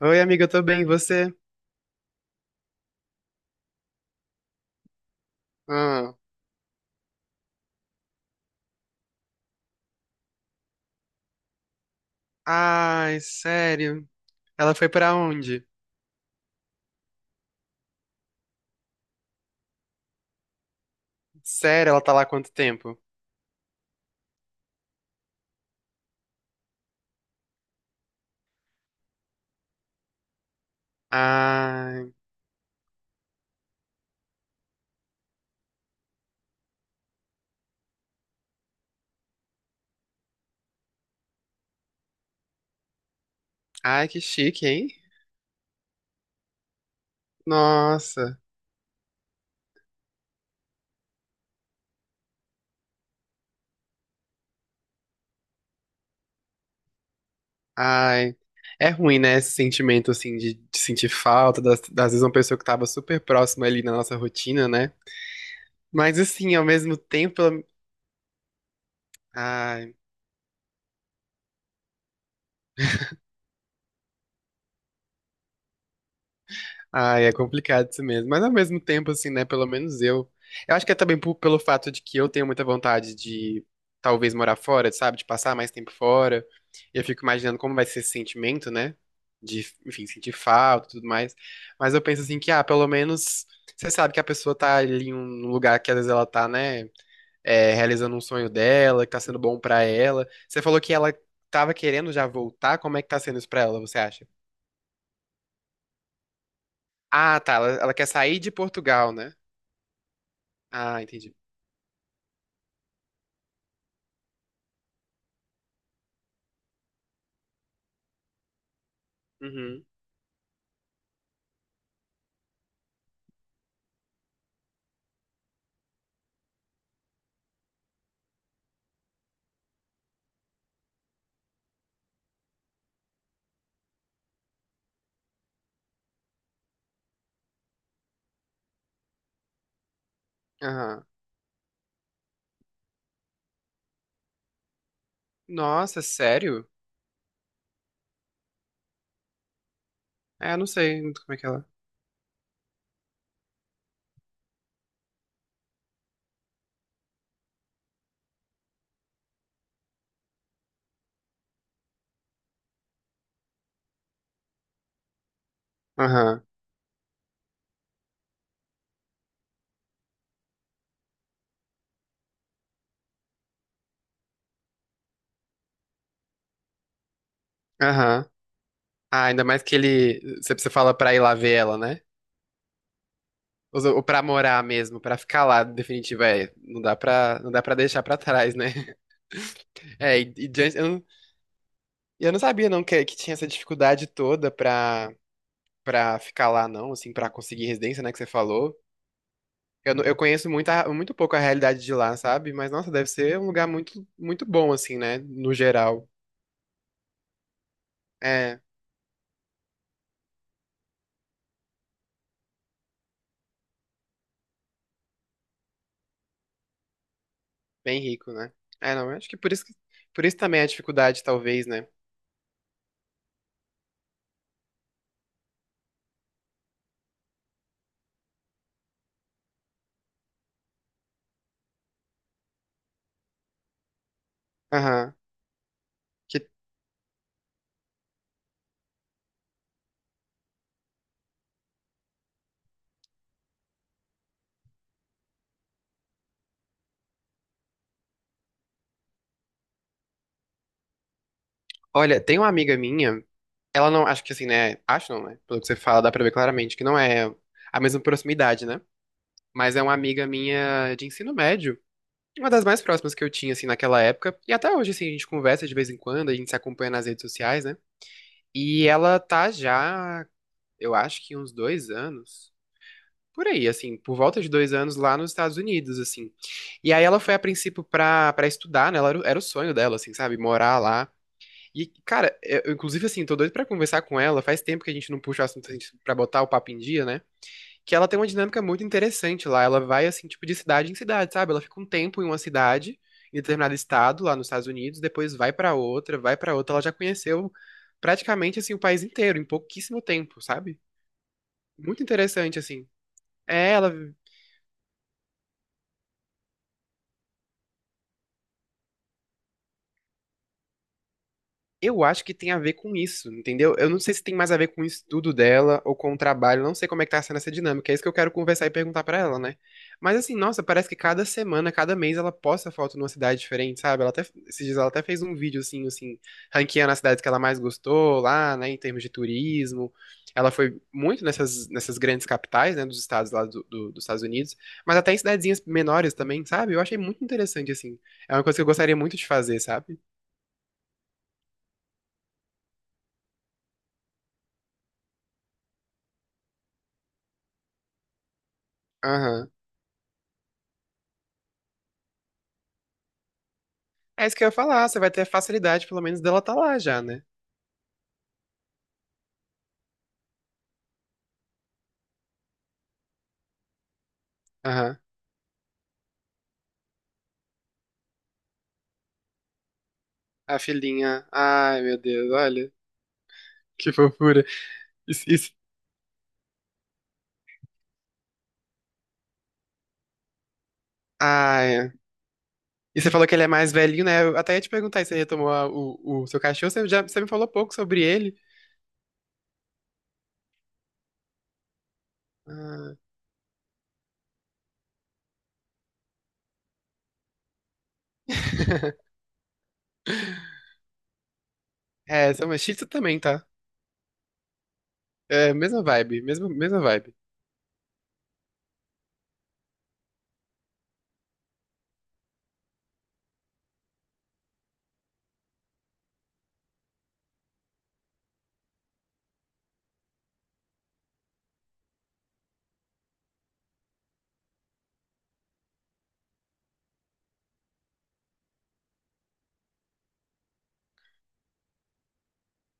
Oi, amiga, eu tô bem, e você? Ah. Ai, sério? Ela foi pra onde? Sério, ela tá lá há quanto tempo? Ai, ai, que chique, hein? Nossa, ai. É ruim, né, esse sentimento, assim, de sentir falta, das vezes uma pessoa que tava super próxima ali na nossa rotina, né? Mas, assim, ao mesmo tempo, ela- ai. Ai, é complicado isso mesmo. Mas ao mesmo tempo, assim, né? Pelo menos eu. Eu acho que é também pelo fato de que eu tenho muita vontade de talvez morar fora, sabe? De passar mais tempo fora. Eu fico imaginando como vai ser esse sentimento, né? De, enfim, sentir falta e tudo mais. Mas eu penso assim que, ah, pelo menos você sabe que a pessoa tá ali em um lugar que às vezes ela tá, né? É, realizando um sonho dela, que tá sendo bom pra ela. Você falou que ela tava querendo já voltar. Como é que tá sendo isso pra ela, você acha? Ah, tá. Ela quer sair de Portugal, né? Ah, entendi. Uhum. Aham. Nossa, sério? É, eu não sei muito como é que ela. Aham. Aham. Ah, ainda mais que ele. Você fala pra ir lá ver ela, né? Ou pra morar mesmo, pra ficar lá, definitivo, é. Não dá pra, não dá pra deixar pra trás, né? É, e diante- eu, não, e eu não sabia, não, que tinha essa dificuldade toda pra, pra ficar lá, não, assim, pra conseguir residência, né, que você falou. Eu, não- eu conheço muito, a- muito pouco a realidade de lá, sabe? Mas, nossa, deve ser um lugar muito, muito bom, assim, né, no geral. É. Bem rico, né? É, não, eu acho que- por isso também é a dificuldade, talvez, né? Aham. Que, olha, tem uma amiga minha, ela não, acho que assim, né? Acho não, né? Pelo que você fala, dá pra ver claramente que não é a mesma proximidade, né? Mas é uma amiga minha de ensino médio, uma das mais próximas que eu tinha, assim, naquela época. E até hoje, assim, a gente conversa de vez em quando, a gente se acompanha nas redes sociais, né? E ela tá já, eu acho que uns 2 anos. Por aí, assim, por volta de 2 anos lá nos Estados Unidos, assim. E aí ela foi a princípio pra, pra estudar, né? Ela era, o- era o sonho dela, assim, sabe? Morar lá. E, cara, eu, inclusive, assim, tô doido pra conversar com ela. Faz tempo que a gente não puxa o assunto assim, pra botar o papo em dia, né? Que ela tem uma dinâmica muito interessante lá. Ela vai, assim, tipo, de cidade em cidade, sabe? Ela fica um tempo em uma cidade, em determinado estado, lá nos Estados Unidos, depois vai pra outra, vai pra outra. Ela já conheceu praticamente, assim, o país inteiro, em pouquíssimo tempo, sabe? Muito interessante, assim. É, ela eu acho que tem a ver com isso, entendeu? Eu não sei se tem mais a ver com o estudo dela ou com o trabalho, não sei como é que tá sendo essa dinâmica, é isso que eu quero conversar e perguntar pra ela, né? Mas assim, nossa, parece que cada semana, cada mês ela posta foto numa cidade diferente, sabe? Ela até, esses dias ela até fez um vídeo assim, ranqueando as cidades que ela mais gostou lá, né, em termos de turismo. Ela foi muito nessas, nessas grandes capitais, né, dos estados lá do, dos Estados Unidos, mas até em cidadezinhas menores também, sabe? Eu achei muito interessante, assim. É uma coisa que eu gostaria muito de fazer, sabe? Aham. É isso que eu ia falar, você vai ter a facilidade, pelo menos, dela tá lá já, né? Aham. A filhinha. Ai, meu Deus, olha. Que fofura. Isso, isso. Ai. E você falou que ele é mais velhinho, né? Eu até ia te perguntar se você retomou o seu cachorro, você, já, você me falou pouco sobre ele. Ah. É, são Shih Tzu também, tá? É, mesma vibe, mesma, mesma vibe.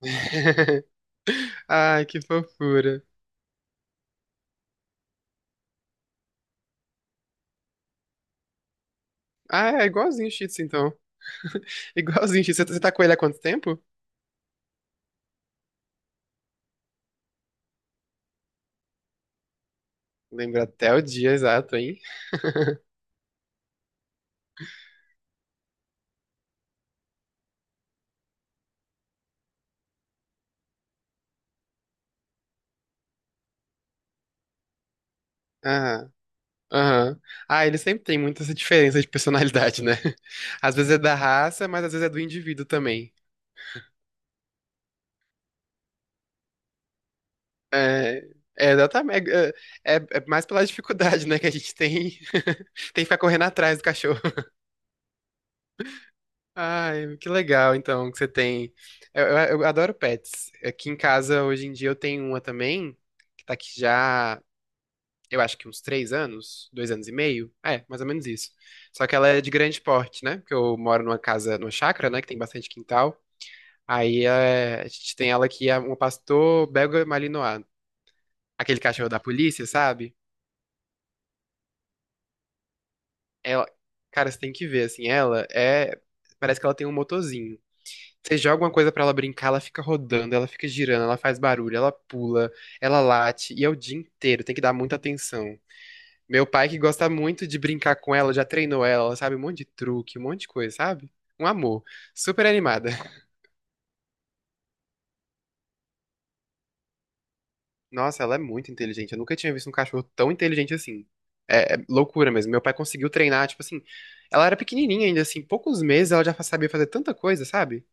Ai, que fofura. Ah, é igualzinho o Shih Tzu, então. Igualzinho o Shih Tzu. Você tá com ele há quanto tempo? Lembra até o dia exato, hein? Ah. Aham. Ah, ele sempre tem muita essa diferença de personalidade, né? Às vezes é da raça, mas às vezes é do indivíduo também. É, é exatamente. É, é- é mais pela dificuldade, né, que a gente tem, tem que ficar correndo atrás do cachorro. Ai, que legal, então, que você tem. Eu adoro pets. Aqui em casa, hoje em dia, eu tenho uma também, que tá aqui já, eu acho que uns 3 anos, 2 anos e meio. É, mais ou menos isso. Só que ela é de grande porte, né? Porque eu moro numa casa, numa chácara, né, que tem bastante quintal. Aí é, a gente tem ela que é um pastor belga malinois, aquele cachorro da polícia, sabe? Ela, cara, você tem que ver, assim, ela é, parece que ela tem um motorzinho. Você joga uma coisa pra ela brincar, ela fica rodando, ela fica girando, ela faz barulho, ela pula, ela late, e é o dia inteiro, tem que dar muita atenção. Meu pai que gosta muito de brincar com ela, já treinou ela, ela sabe um monte de truque, um monte de coisa, sabe? Um amor, super animada. Nossa, ela é muito inteligente. Eu nunca tinha visto um cachorro tão inteligente assim. É, é loucura mesmo. Meu pai conseguiu treinar, tipo assim. Ela era pequenininha ainda, assim, poucos meses ela já sabia fazer tanta coisa, sabe?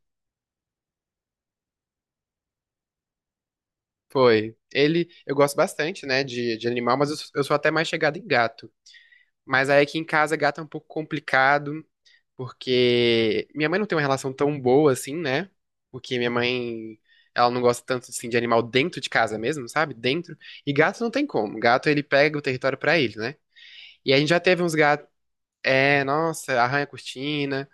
Foi. Ele, eu gosto bastante, né, de animal, mas eu, eu sou até mais chegado em gato. Mas aí aqui em casa, gato é um pouco complicado, porque minha mãe não tem uma relação tão boa assim, né? Porque minha mãe, ela não gosta tanto, assim, de animal dentro de casa mesmo, sabe? Dentro. E gato não tem como. Gato, ele pega o território pra ele, né? E a gente já teve uns gatos é, nossa, arranha a cortina.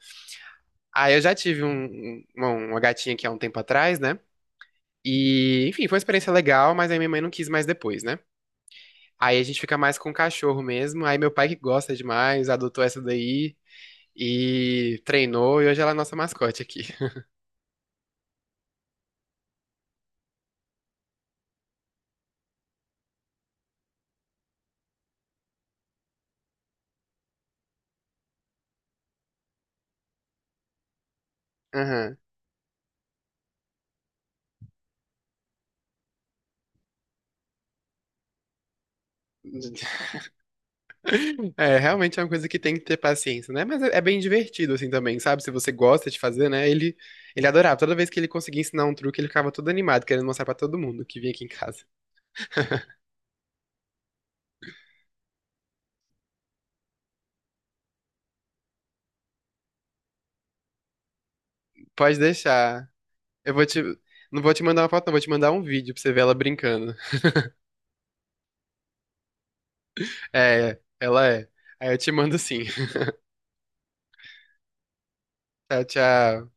Ah, eu já tive um- um- uma gatinha aqui há um tempo atrás, né? E, enfim, foi uma experiência legal, mas aí minha mãe não quis mais depois, né? Aí a gente fica mais com o cachorro mesmo. Aí meu pai que gosta demais, adotou essa daí e treinou, e hoje ela é a nossa mascote aqui. Aham. É, realmente é uma coisa que tem que ter paciência, né? Mas é, é bem divertido, assim, também, sabe? Se você gosta de fazer, né? Ele adorava. Toda vez que ele conseguia ensinar um truque, ele ficava todo animado, querendo mostrar pra todo mundo que vinha aqui em casa. Pode deixar. Eu vou te. Não vou te mandar uma foto, não. Vou te mandar um vídeo pra você ver ela brincando. É, ela é. Aí eu te mando sim. Tchau, tchau.